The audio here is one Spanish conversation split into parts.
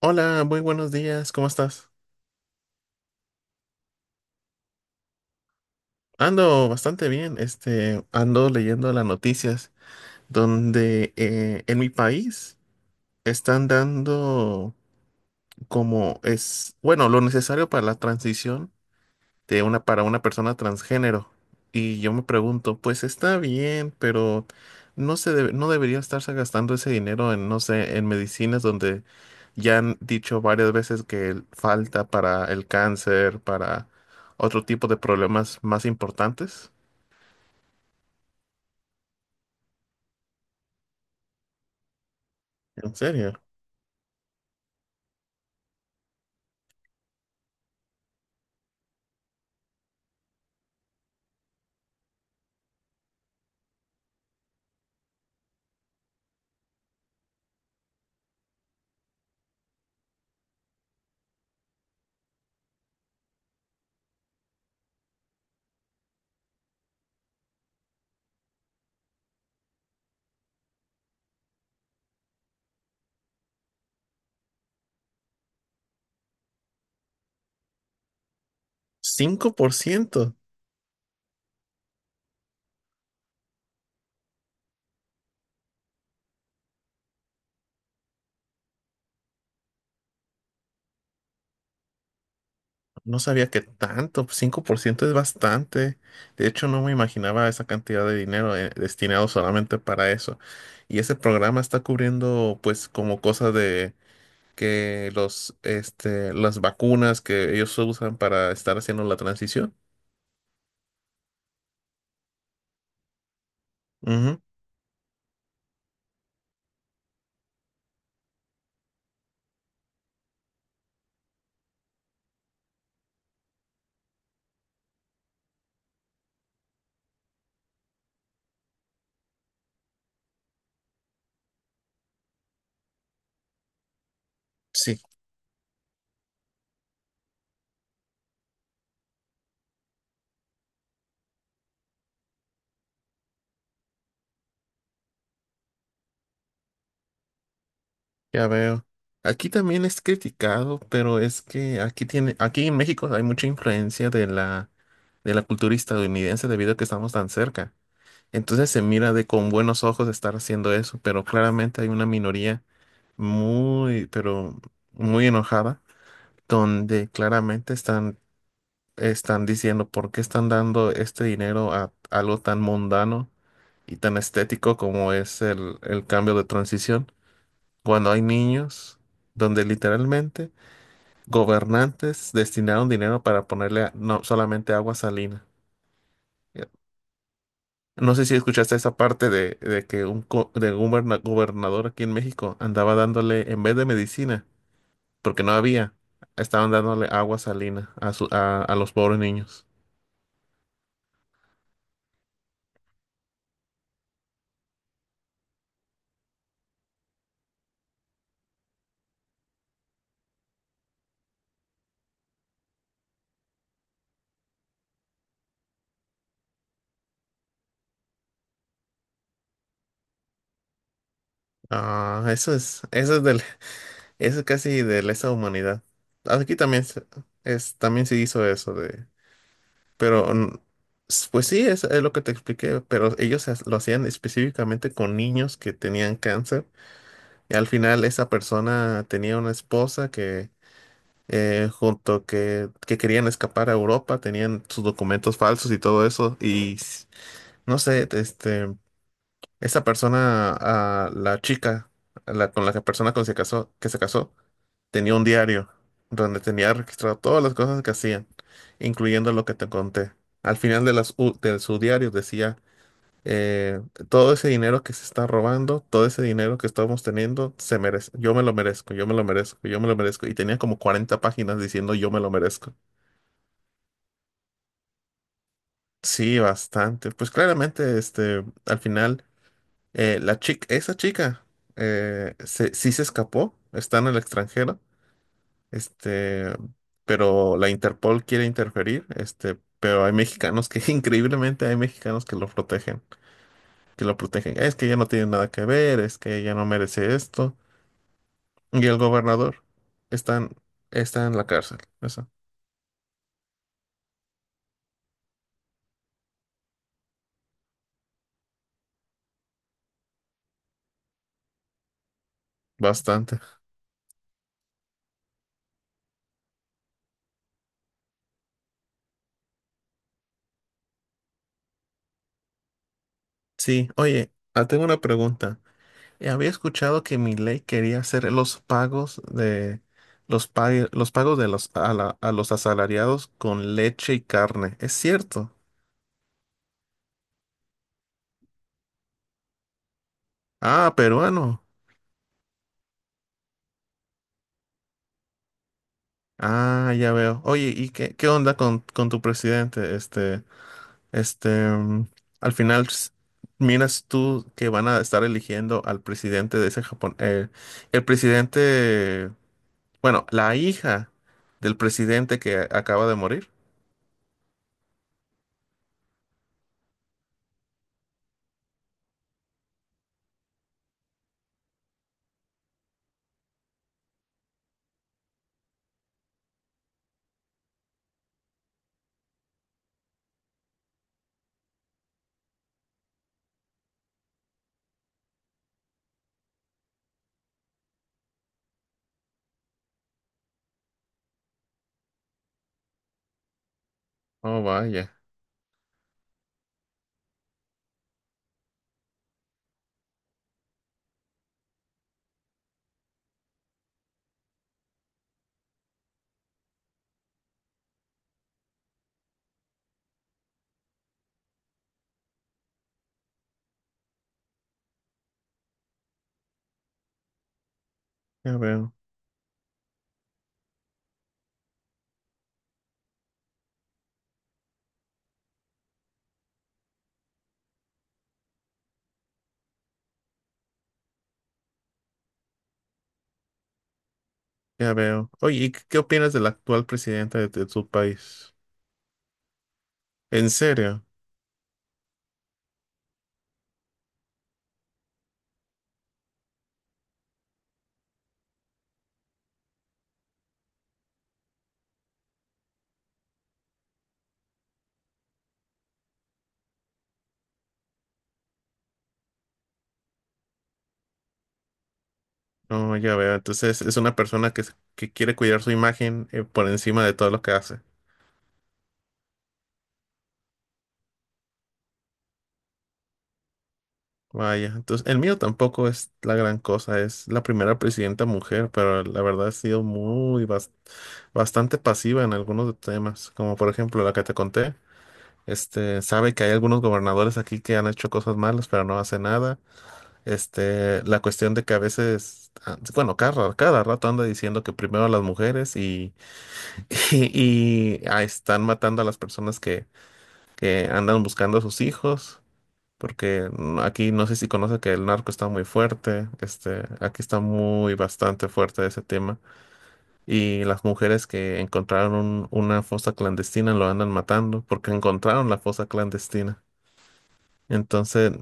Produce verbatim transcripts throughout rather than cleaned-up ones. Hola, muy buenos días, ¿cómo estás? Ando bastante bien, este, ando leyendo las noticias donde eh, en mi país están dando como es, bueno, lo necesario para la transición de una para una persona transgénero. Y yo me pregunto, pues está bien, pero no se debe- no debería estarse gastando ese dinero en, no sé, en medicinas donde ya han dicho varias veces que falta para el cáncer, para otro tipo de problemas más importantes. ¿En serio? Cinco por ciento. No sabía que tanto, cinco por ciento es bastante. De hecho, no me imaginaba esa cantidad de dinero eh, destinado solamente para eso. Y ese programa está cubriendo, pues, como cosas de que los, este, las vacunas que ellos usan para estar haciendo la transición. Ujú. Sí, ya veo. Aquí también es criticado, pero es que aquí tiene, aquí en México hay mucha influencia de la, de la cultura estadounidense debido a que estamos tan cerca. Entonces se mira de con buenos ojos estar haciendo eso, pero claramente hay una minoría muy, pero muy enojada, donde claramente están, están diciendo por qué están dando este dinero a algo tan mundano y tan estético como es el, el cambio de transición, cuando hay niños donde literalmente gobernantes destinaron dinero para ponerle a- no solamente agua salina. No sé si escuchaste esa parte de, de que un co- de guberna- gobernador aquí en México andaba dándole, en vez de medicina, porque no había, estaban dándole agua salina a, su- a, a los pobres niños. Ah, eso es, eso es del, eso es casi de lesa humanidad. Aquí también se, es, también se hizo eso de, pero mm, s- pues sí, es, es lo que te expliqué, pero ellos as- lo hacían específicamente con niños que tenían cáncer. Y al final esa persona tenía una esposa eh, junto que, que querían escapar a Europa, tenían sus documentos falsos y todo eso, y s- no sé, este, esa persona, ah, la chica, la, con la que- persona con la que se casó, que se casó, tenía un diario donde tenía registrado todas las cosas que hacían, incluyendo lo que te conté. Al final de, las, u- de su diario decía eh, todo ese dinero que se está robando, todo ese dinero que estamos teniendo, se merece. Yo me lo merezco, yo me lo merezco, yo me lo merezco. Y tenía como cuarenta páginas diciendo yo me lo merezco. Sí, bastante. Pues claramente, este, al final, eh, la chica, esa chica, eh, se- sí se escapó, está en el extranjero, este, pero la Interpol quiere interferir, este, pero hay mexicanos que, increíblemente, hay mexicanos que lo protegen, que lo protegen. Es que ella no tiene nada que ver, es que ella no merece esto. Y el gobernador están, está en la cárcel. Eso, bastante. Sí, oye, ah, tengo una pregunta. Eh, Había escuchado que ley quería hacer los pagos de los, pa- los pagos de los a, la- a los asalariados con leche y carne. ¿Es cierto? Ah, peruano. Ah, ya veo. Oye, ¿y qué, qué onda con, con tu presidente? Este, Este, mm, al final, s- miras tú que van a estar eligiendo al presidente de ese Japón. eh, el presidente, bueno, la hija del presidente que acaba de morir. Oh, vaya, ya veo, ya veo. Oye, ¿y qué opinas del actual presidente de, de tu país? ¿En serio? No, ya veo. Entonces, es una persona que, s- que quiere cuidar su imagen, eh, por encima de todo lo que hace. Vaya, entonces el mío tampoco es la gran cosa, es la primera presidenta mujer, pero la verdad ha sido muy bas- bastante pasiva en algunos temas, como por ejemplo la que te conté, este, sabe que hay algunos gobernadores aquí que han hecho cosas malas, pero no hace nada, este, la cuestión de que a veces, ah, bueno, cada, cada rato anda diciendo que primero las mujeres y, y, y, ah, están matando a las personas que, que andan buscando a sus hijos porque mm, aquí no sé si conoce que el narco está muy fuerte, este, aquí está muy bastante fuerte ese tema, y las mujeres que encontraron un- una fosa clandestina lo andan matando porque encontraron la fosa clandestina. Entonces,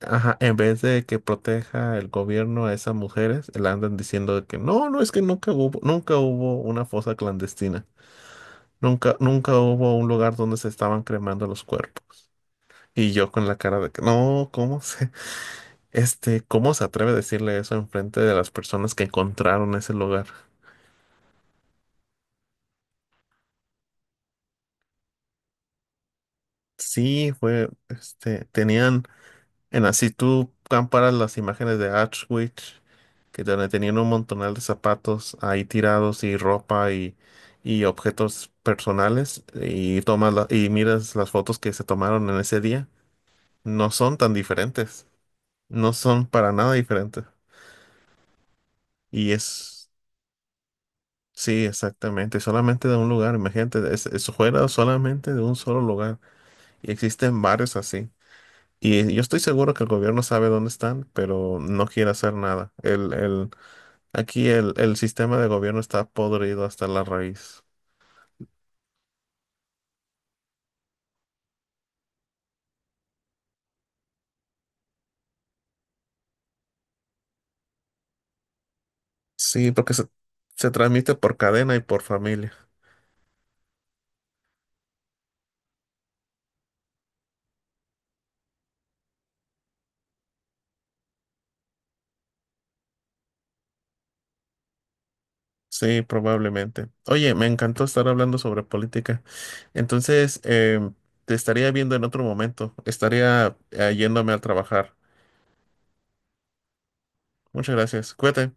ajá, en vez de que proteja el gobierno a esas mujeres, le andan diciendo de que no, no, es que nunca hubo, nunca hubo una fosa clandestina. Nunca, nunca hubo un lugar donde se estaban cremando los cuerpos. Y yo con la cara de que, no, ¿cómo? Este, ¿cómo se atreve a decirle eso en frente de las personas que encontraron ese lugar? Sí, fue, este, tenían, en así tú comparas las imágenes de Auschwitz, que donde tenían un montonal de zapatos ahí tirados y ropa y, y objetos personales, y tomas la- y miras las fotos que se tomaron en ese día, no son tan diferentes, no son para nada diferentes. Y es Sí, exactamente, solamente de un lugar, imagínate, es- eso fuera solamente de un solo lugar y existen varios así. Y yo estoy seguro que el gobierno sabe dónde están, pero no quiere hacer nada. El, el, aquí el, el sistema de gobierno está podrido hasta la raíz. Sí, porque se, se transmite por cadena y por familia. Sí, probablemente. Oye, me encantó estar hablando sobre política. Entonces, em, te estaría viendo en otro momento. Estaría eh, yéndome a trabajar. Muchas gracias. Cuídate.